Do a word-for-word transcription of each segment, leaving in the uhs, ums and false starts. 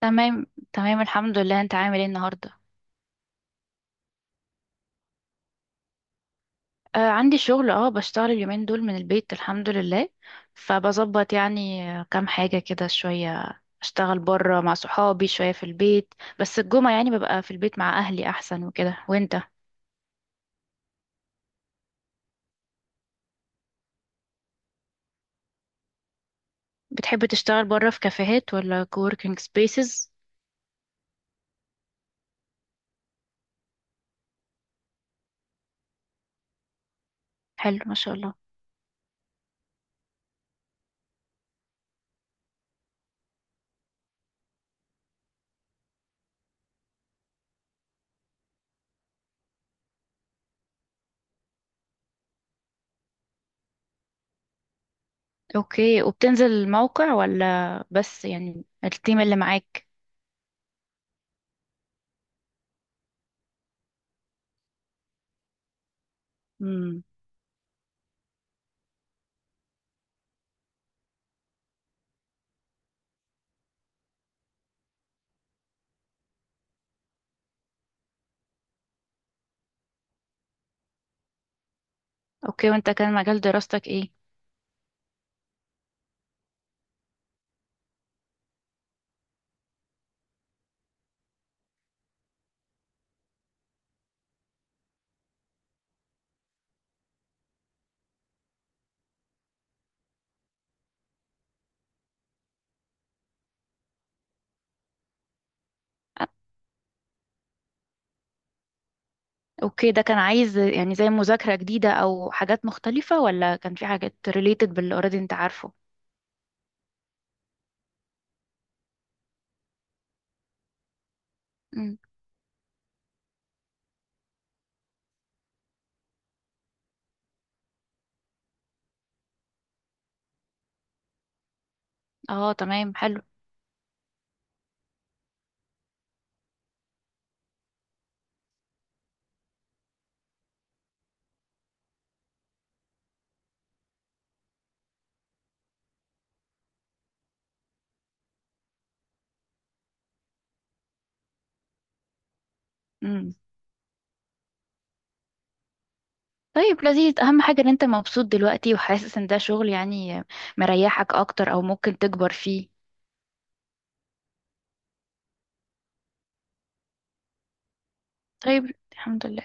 تمام، تمام. الحمد لله، انت عامل ايه النهارده؟ آه، عندي شغل، اه بشتغل اليومين دول من البيت، الحمد لله. فبظبط يعني آه، كام حاجه كده، شويه اشتغل بره مع صحابي، شويه في البيت. بس الجمعه يعني ببقى في البيت مع اهلي احسن وكده. وانت؟ بتحب تشتغل بره في كافيهات ولا كووركينج سبيسز؟ حلو، ما شاء الله. اوكي، وبتنزل الموقع ولا بس يعني التيم اللي معاك؟ امم. اوكي، وانت كان مجال دراستك ايه؟ اوكي، ده كان عايز يعني زي مذاكرة جديدة او حاجات مختلفة، ولا كان في حاجات related باللي already انت عارفه؟ مم. اه، تمام، حلو. مم. طيب، لذيذ. اهم حاجة ان انت مبسوط دلوقتي وحاسس ان ده شغل يعني مريحك اكتر او ممكن تكبر فيه. طيب، الحمد لله.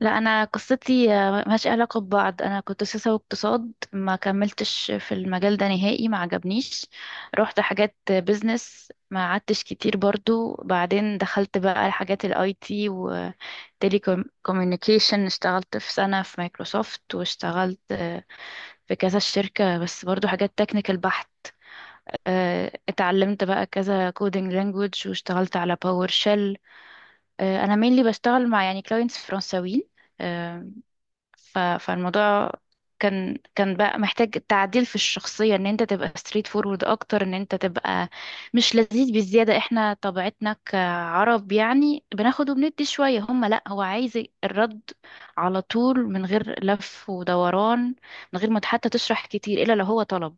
لا، انا قصتي آه، ملهاش علاقه ببعض. انا كنت سياسه واقتصاد، ما كملتش في المجال ده نهائي، ما عجبنيش. رحت حاجات بيزنس، ما قعدتش كتير برضو، بعدين دخلت بقى حاجات الاي تي وتيلي كوميونيكيشن، اشتغلت في سنه في مايكروسوفت، واشتغلت آه، في كذا شركه، بس برضو حاجات تكنيكال بحت. آه، اتعلمت بقى كذا كودينج لانجوج، واشتغلت على باور شيل. انا مينلي بشتغل مع يعني كلاينتس فرنساويين. آه، ف... فالموضوع كان كان بقى محتاج تعديل في الشخصية، ان انت تبقى ستريت فورورد اكتر، ان انت تبقى مش لذيذ بالزيادة. احنا طبيعتنا كعرب يعني بناخد وبندي شوية هم، لا، هو عايز الرد على طول من غير لف ودوران، من غير ما حتى تشرح كتير الا لو هو طلب.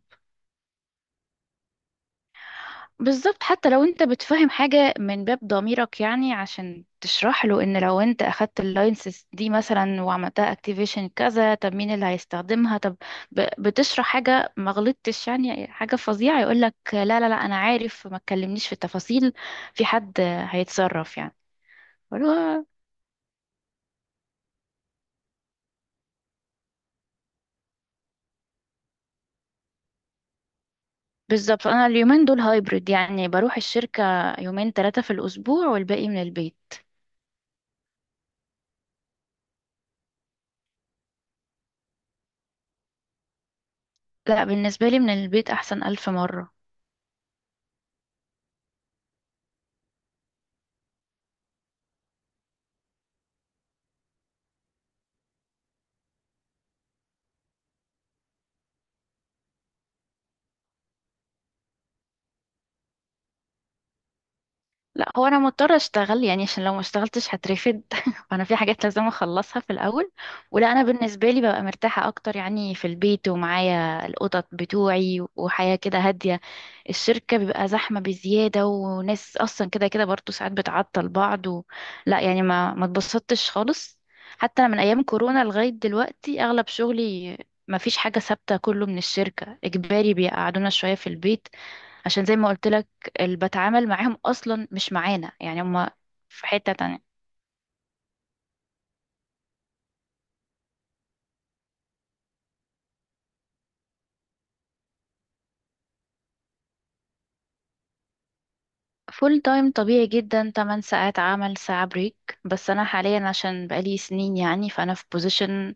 بالظبط. حتى لو انت بتفهم حاجة من باب ضميرك يعني عشان تشرح له، ان لو انت اخدت اللايسنس دي مثلا وعملتها اكتيفيشن كذا، طب مين اللي هيستخدمها؟ طب ب- بتشرح حاجة، ما غلطتش يعني حاجة فظيعة، يقولك لا لا لا، انا عارف، ما تكلمنيش في التفاصيل، في حد هيتصرف يعني. بقول له، بالظبط. انا اليومين دول هايبرد، يعني بروح الشركة يومين ثلاثة في الاسبوع، والباقي من البيت. لا، بالنسبة لي من البيت احسن الف مرة. لا، هو انا مضطره اشتغل يعني، عشان لو ما اشتغلتش هترفد فانا في حاجات لازم اخلصها في الاول. ولا انا بالنسبه لي ببقى مرتاحه اكتر يعني في البيت، ومعايا القطط بتوعي، وحياه كده هاديه. الشركه بيبقى زحمه بزياده، وناس اصلا كده كده برضه ساعات بتعطل بعض و... لا، يعني ما ما اتبسطتش خالص، حتى من ايام كورونا لغايه دلوقتي اغلب شغلي ما فيش حاجه ثابته، كله من الشركه اجباري، بيقعدونا شويه في البيت، عشان زي ما قلت لك اللي بتعامل معاهم اصلا مش معانا يعني، هما في حتة تانية. فول تايم طبيعي جدا، 8 ساعات عمل، ساعة بريك، بس انا حاليا عشان بقالي سنين يعني، فانا في بوزيشن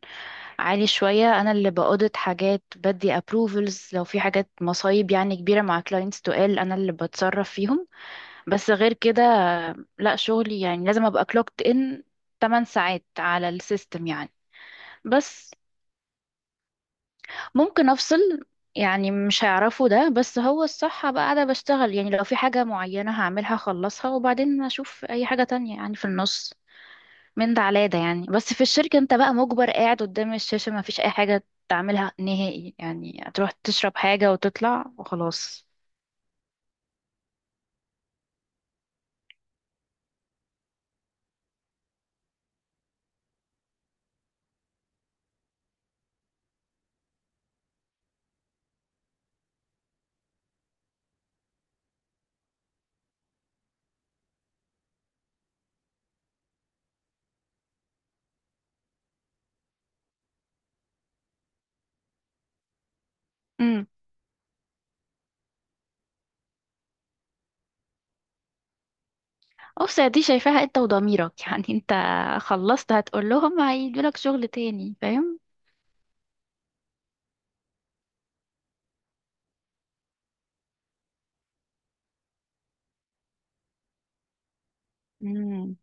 عالي شوية. انا اللي بأودت حاجات، بدي ابروفلز، لو في حاجات مصايب يعني كبيرة مع كلاينتس تقال، انا اللي بتصرف فيهم. بس غير كده لا، شغلي يعني لازم ابقى كلوكت ان 8 ساعات على السيستم يعني. بس ممكن افصل يعني، مش هيعرفوا ده، بس هو الصح بقى. قاعدة بشتغل يعني لو في حاجة معينة هعملها اخلصها، وبعدين اشوف اي حاجة تانية يعني، في النص من ده على ده يعني. بس في الشركة انت بقى مجبر قاعد قدام الشاشة، ما فيش اي حاجة تعملها نهائي يعني، هتروح تشرب حاجة وتطلع وخلاص. امم. اوسع، دي شايفاها انت وضميرك يعني انت خلصت، هتقول لهم هيدولك شغل تاني. فاهم.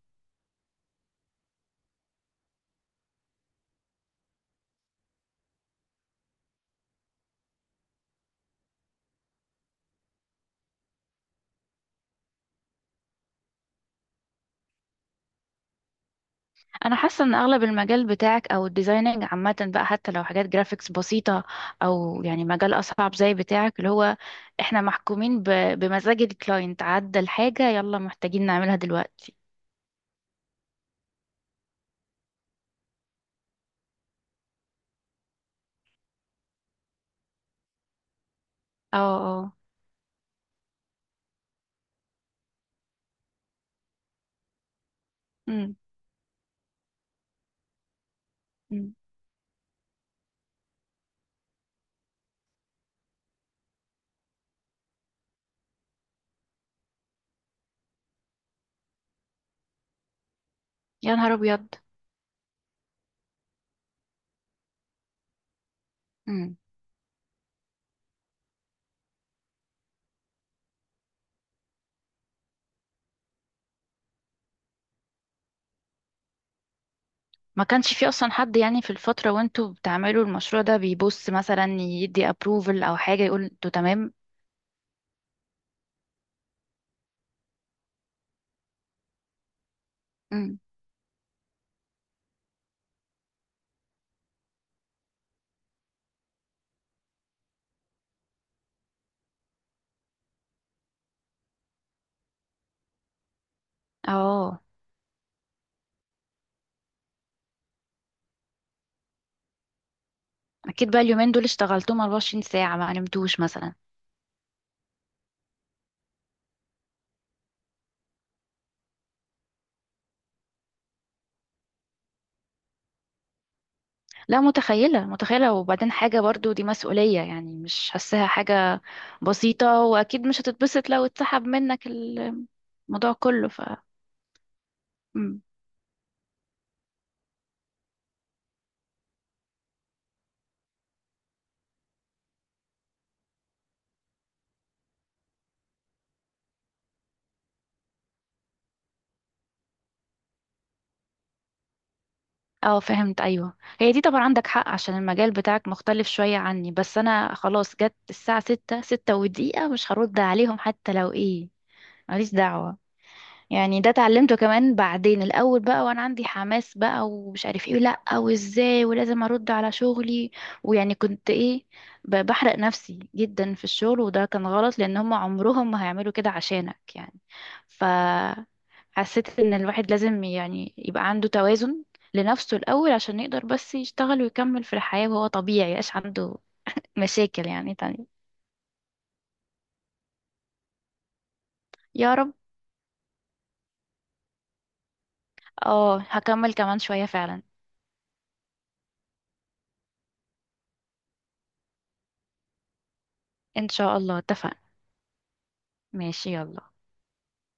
انا حاسه ان اغلب المجال بتاعك او الديزايننج عامه بقى، حتى لو حاجات جرافيكس بسيطه او يعني مجال اصعب زي بتاعك، اللي هو احنا محكومين ب- بمزاج الكلاينت، عدى الحاجه يلا محتاجين نعملها دلوقتي. اه. اه. امم. أمم. يا نهار ابيض. امم. ما كانش في اصلا حد يعني في الفتره وانتوا بتعملوا المشروع ده، بيبص مثلا يدي ابروفل او حاجه، يقول انتوا تمام؟ امم. اه. اكيد بقى اليومين دول اشتغلتهم اربعة وعشرين ساعة ساعه، ما نمتوش مثلا؟ لا، متخيلة، متخيلة. وبعدين حاجة برضو دي مسؤولية يعني، مش حاساها حاجة بسيطة. وأكيد مش هتتبسط لو اتسحب منك الموضوع كله. ف مم. اه، فهمت، أيوه. هي دي طبعا عندك حق، عشان المجال بتاعك مختلف شوية عني. بس أنا خلاص جت الساعة ستة، ستة ودقيقة، مش هرد عليهم حتى لو ايه، ماليش دعوة. يعني ده اتعلمته كمان بعدين. الاول بقى وانا عندي حماس بقى، ومش عارف ايه لا، وازاي، ولازم ارد على شغلي ويعني، كنت ايه ب- بحرق نفسي جدا في الشغل، وده كان غلط، لان هم عمرهم ما هيعملوا كده عشانك يعني. ف حسيت ان الواحد لازم يعني يبقى عنده توازن لنفسه الاول عشان يقدر بس يشتغل ويكمل في الحياة، وهو طبيعي يبقاش عنده مشاكل يعني تانية. يا رب. اه، هكمل كمان شوية فعلا. ان شاء الله، اتفقنا. ماشي، يلا.